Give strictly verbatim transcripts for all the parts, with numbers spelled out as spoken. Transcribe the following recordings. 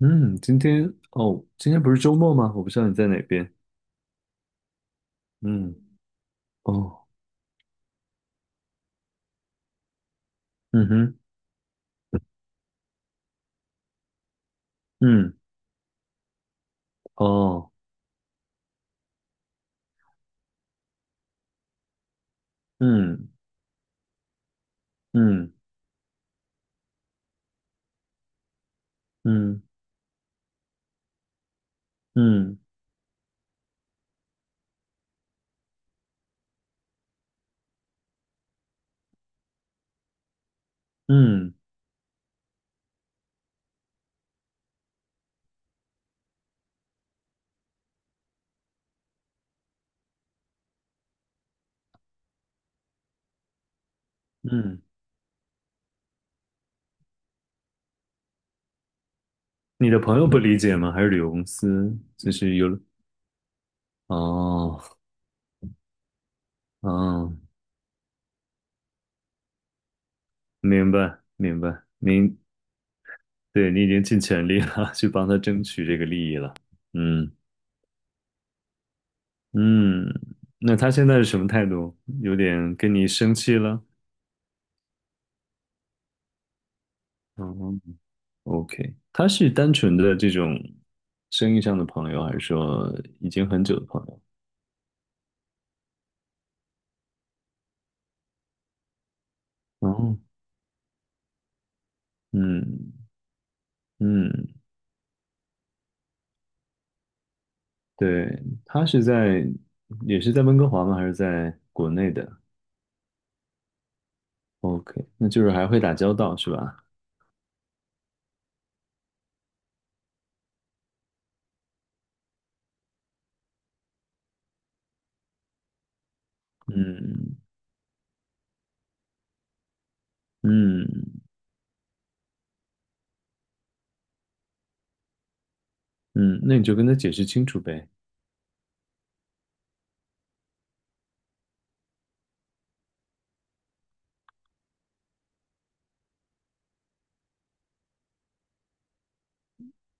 嗯，今天哦，今天不是周末吗？我不知道你在哪边。嗯，哦，嗯哼，嗯，哦，嗯，嗯，嗯，嗯，嗯，嗯，你的朋友不理解吗？还是旅游公司？就是有，哦，哦，明白，明白，明，对，你已经尽全力了，去帮他争取这个利益了。嗯，嗯，那他现在是什么态度？有点跟你生气了？嗯。OK，他是单纯的这种生意上的朋友，还是说已经很久的朋友？哦，嗯嗯，对，他是在也是在温哥华吗？还是在国内的？OK，那就是还会打交道是吧？嗯嗯嗯，那你就跟他解释清楚呗，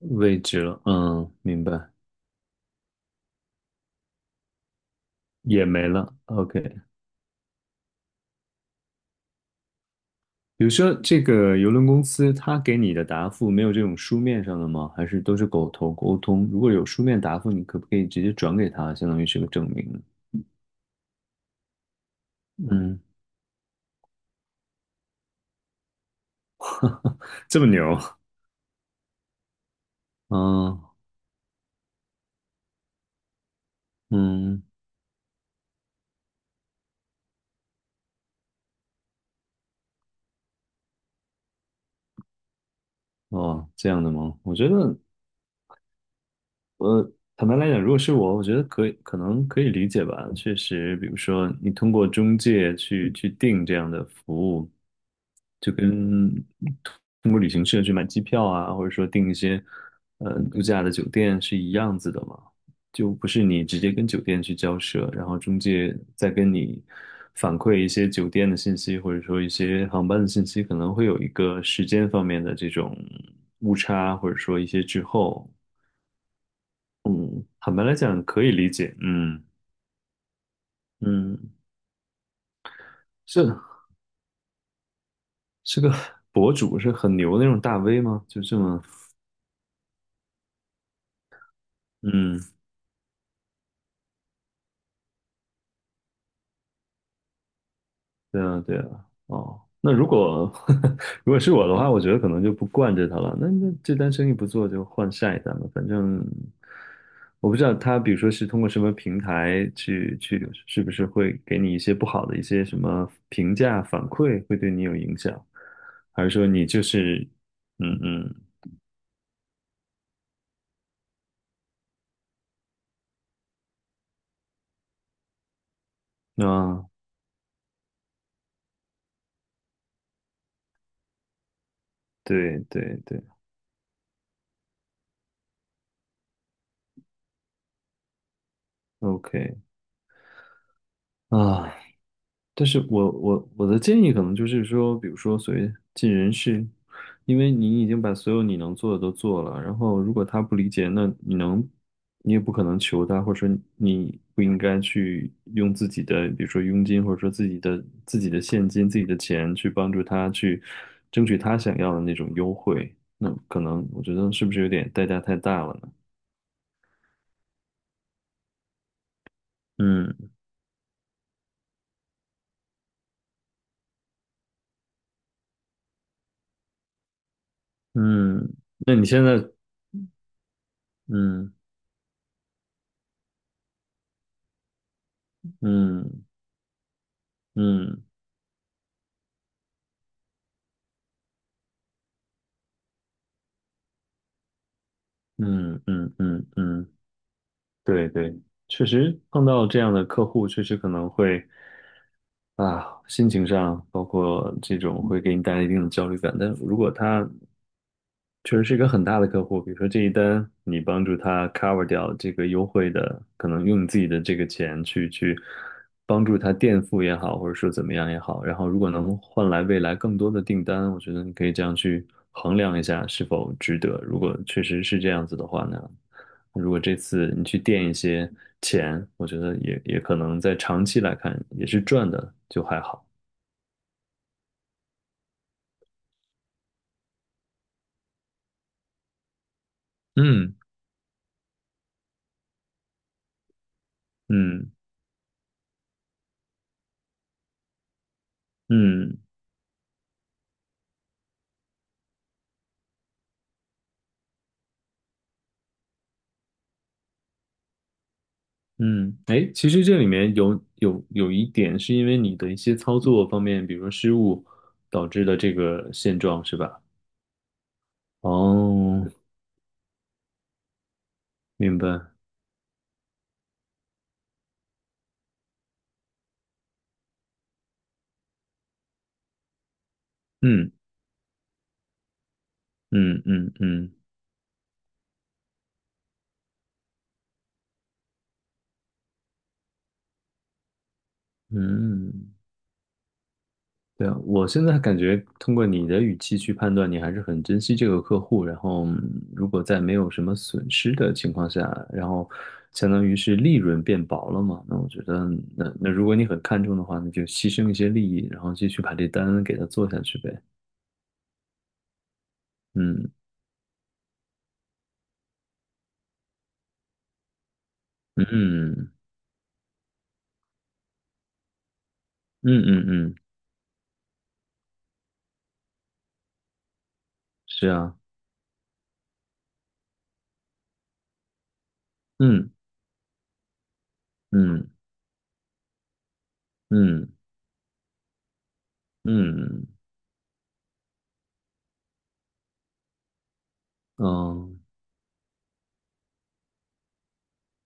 位置了，嗯，明白，也没了。OK，比如说这个邮轮公司，他给你的答复没有这种书面上的吗？还是都是口头沟通？如果有书面答复，你可不可以直接转给他，相当于是个证明呢？嗯，这么牛，嗯嗯，哦，这样的吗？我觉得，我坦白来讲，如果是我，我觉得可以，可能可以理解吧。确实，比如说你通过中介去去订这样的服务，就跟通过旅行社去买机票啊，或者说订一些呃度假的酒店是一样子的嘛，就不是你直接跟酒店去交涉，然后中介再跟你反馈一些酒店的信息，或者说一些航班的信息，可能会有一个时间方面的这种误差，或者说一些滞后。嗯，坦白来讲可以理解。嗯嗯，是是个 博主，是很牛的那种大 V 吗？就这么，嗯，对啊对啊。哦，那如果 如果是我的话，我觉得可能就不惯着他了。那那这单生意不做，就换下一单了。反正我不知道他，比如说是通过什么平台去去，是不是会给你一些不好的一些什么评价反馈，会对你有影响，还是说你就是，嗯嗯。啊？对对对，OK 啊，但是我我我的建议可能就是说，比如说所谓尽人事，因为你已经把所有你能做的都做了，然后如果他不理解，那你能，你也不可能求他，或者说你不应该去用自己的，比如说佣金，或者说自己的自己的现金、自己的钱去帮助他去争取他想要的那种优惠，那可能我觉得是不是有点代价太大了呢？嗯嗯，那你现在嗯。嗯嗯嗯嗯嗯嗯，对对，确实碰到这样的客户，确实可能会啊，心情上包括这种会给你带来一定的焦虑感。但如果他确实是一个很大的客户，比如说这一单，你帮助他 cover 掉这个优惠的，可能用你自己的这个钱去去帮助他垫付也好，或者说怎么样也好，然后如果能换来未来更多的订单，我觉得你可以这样去衡量一下是否值得。如果确实是这样子的话呢，如果这次你去垫一些钱，我觉得也也可能在长期来看也是赚的，就还好。嗯嗯嗯。嗯，哎，其实这里面有有有一点是因为你的一些操作方面，比如说失误导致的这个现状，是吧？哦，明白。嗯嗯嗯嗯嗯，对啊，我现在感觉通过你的语气去判断，你还是很珍惜这个客户，然后嗯如果在没有什么损失的情况下，然后相当于是利润变薄了嘛，那我觉得那那如果你很看重的话，那就牺牲一些利益，然后继续把这单给他做下去呗。嗯嗯嗯嗯嗯，是啊，嗯嗯嗯嗯嗯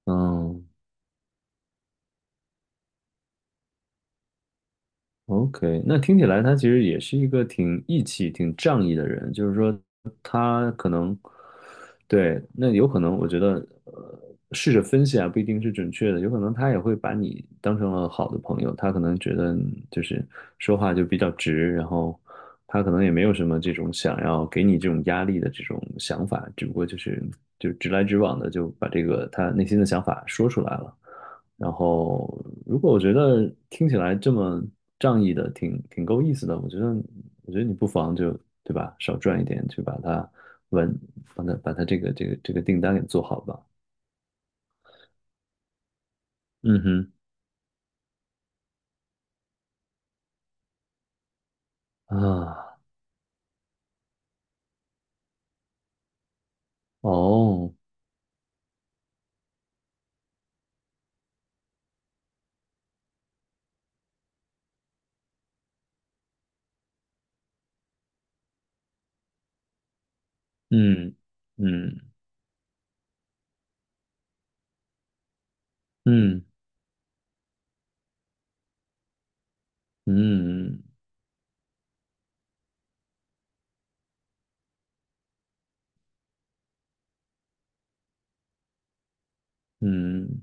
嗯，OK，那听起来他其实也是一个挺义气、挺仗义的人，就是说他可能。对，那有可能，我觉得，呃，试着分析啊，不一定是准确的，有可能他也会把你当成了好的朋友，他可能觉得你就是说话就比较直，然后他可能也没有什么这种想要给你这种压力的这种想法，只不过就是就直来直往的就把这个他内心的想法说出来了。然后，如果我觉得听起来这么仗义的，挺挺够意思的，我觉得，我觉得你不妨就，对吧，少赚一点，去把它完把它把它这个这个这个订单给做好吧。嗯哼啊哦嗯嗯嗯嗯嗯嗯。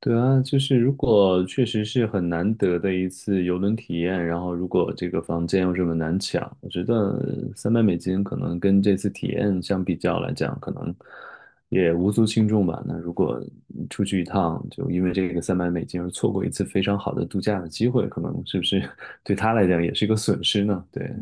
对啊，就是如果确实是很难得的一次游轮体验，然后如果这个房间又这么难抢，我觉得三百美金可能跟这次体验相比较来讲，可能也无足轻重吧。那如果出去一趟，就因为这个三百美金而错过一次非常好的度假的机会，可能是不是 对他来讲也是一个损失呢？对。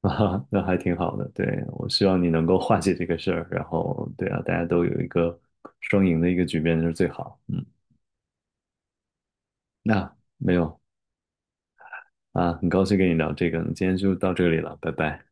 啊，那还挺好的。对，我希望你能够化解这个事儿，然后对啊，大家都有一个双赢的一个局面就是最好。嗯。那、没有啊，很高兴跟你聊这个，那今天就到这里了，拜拜。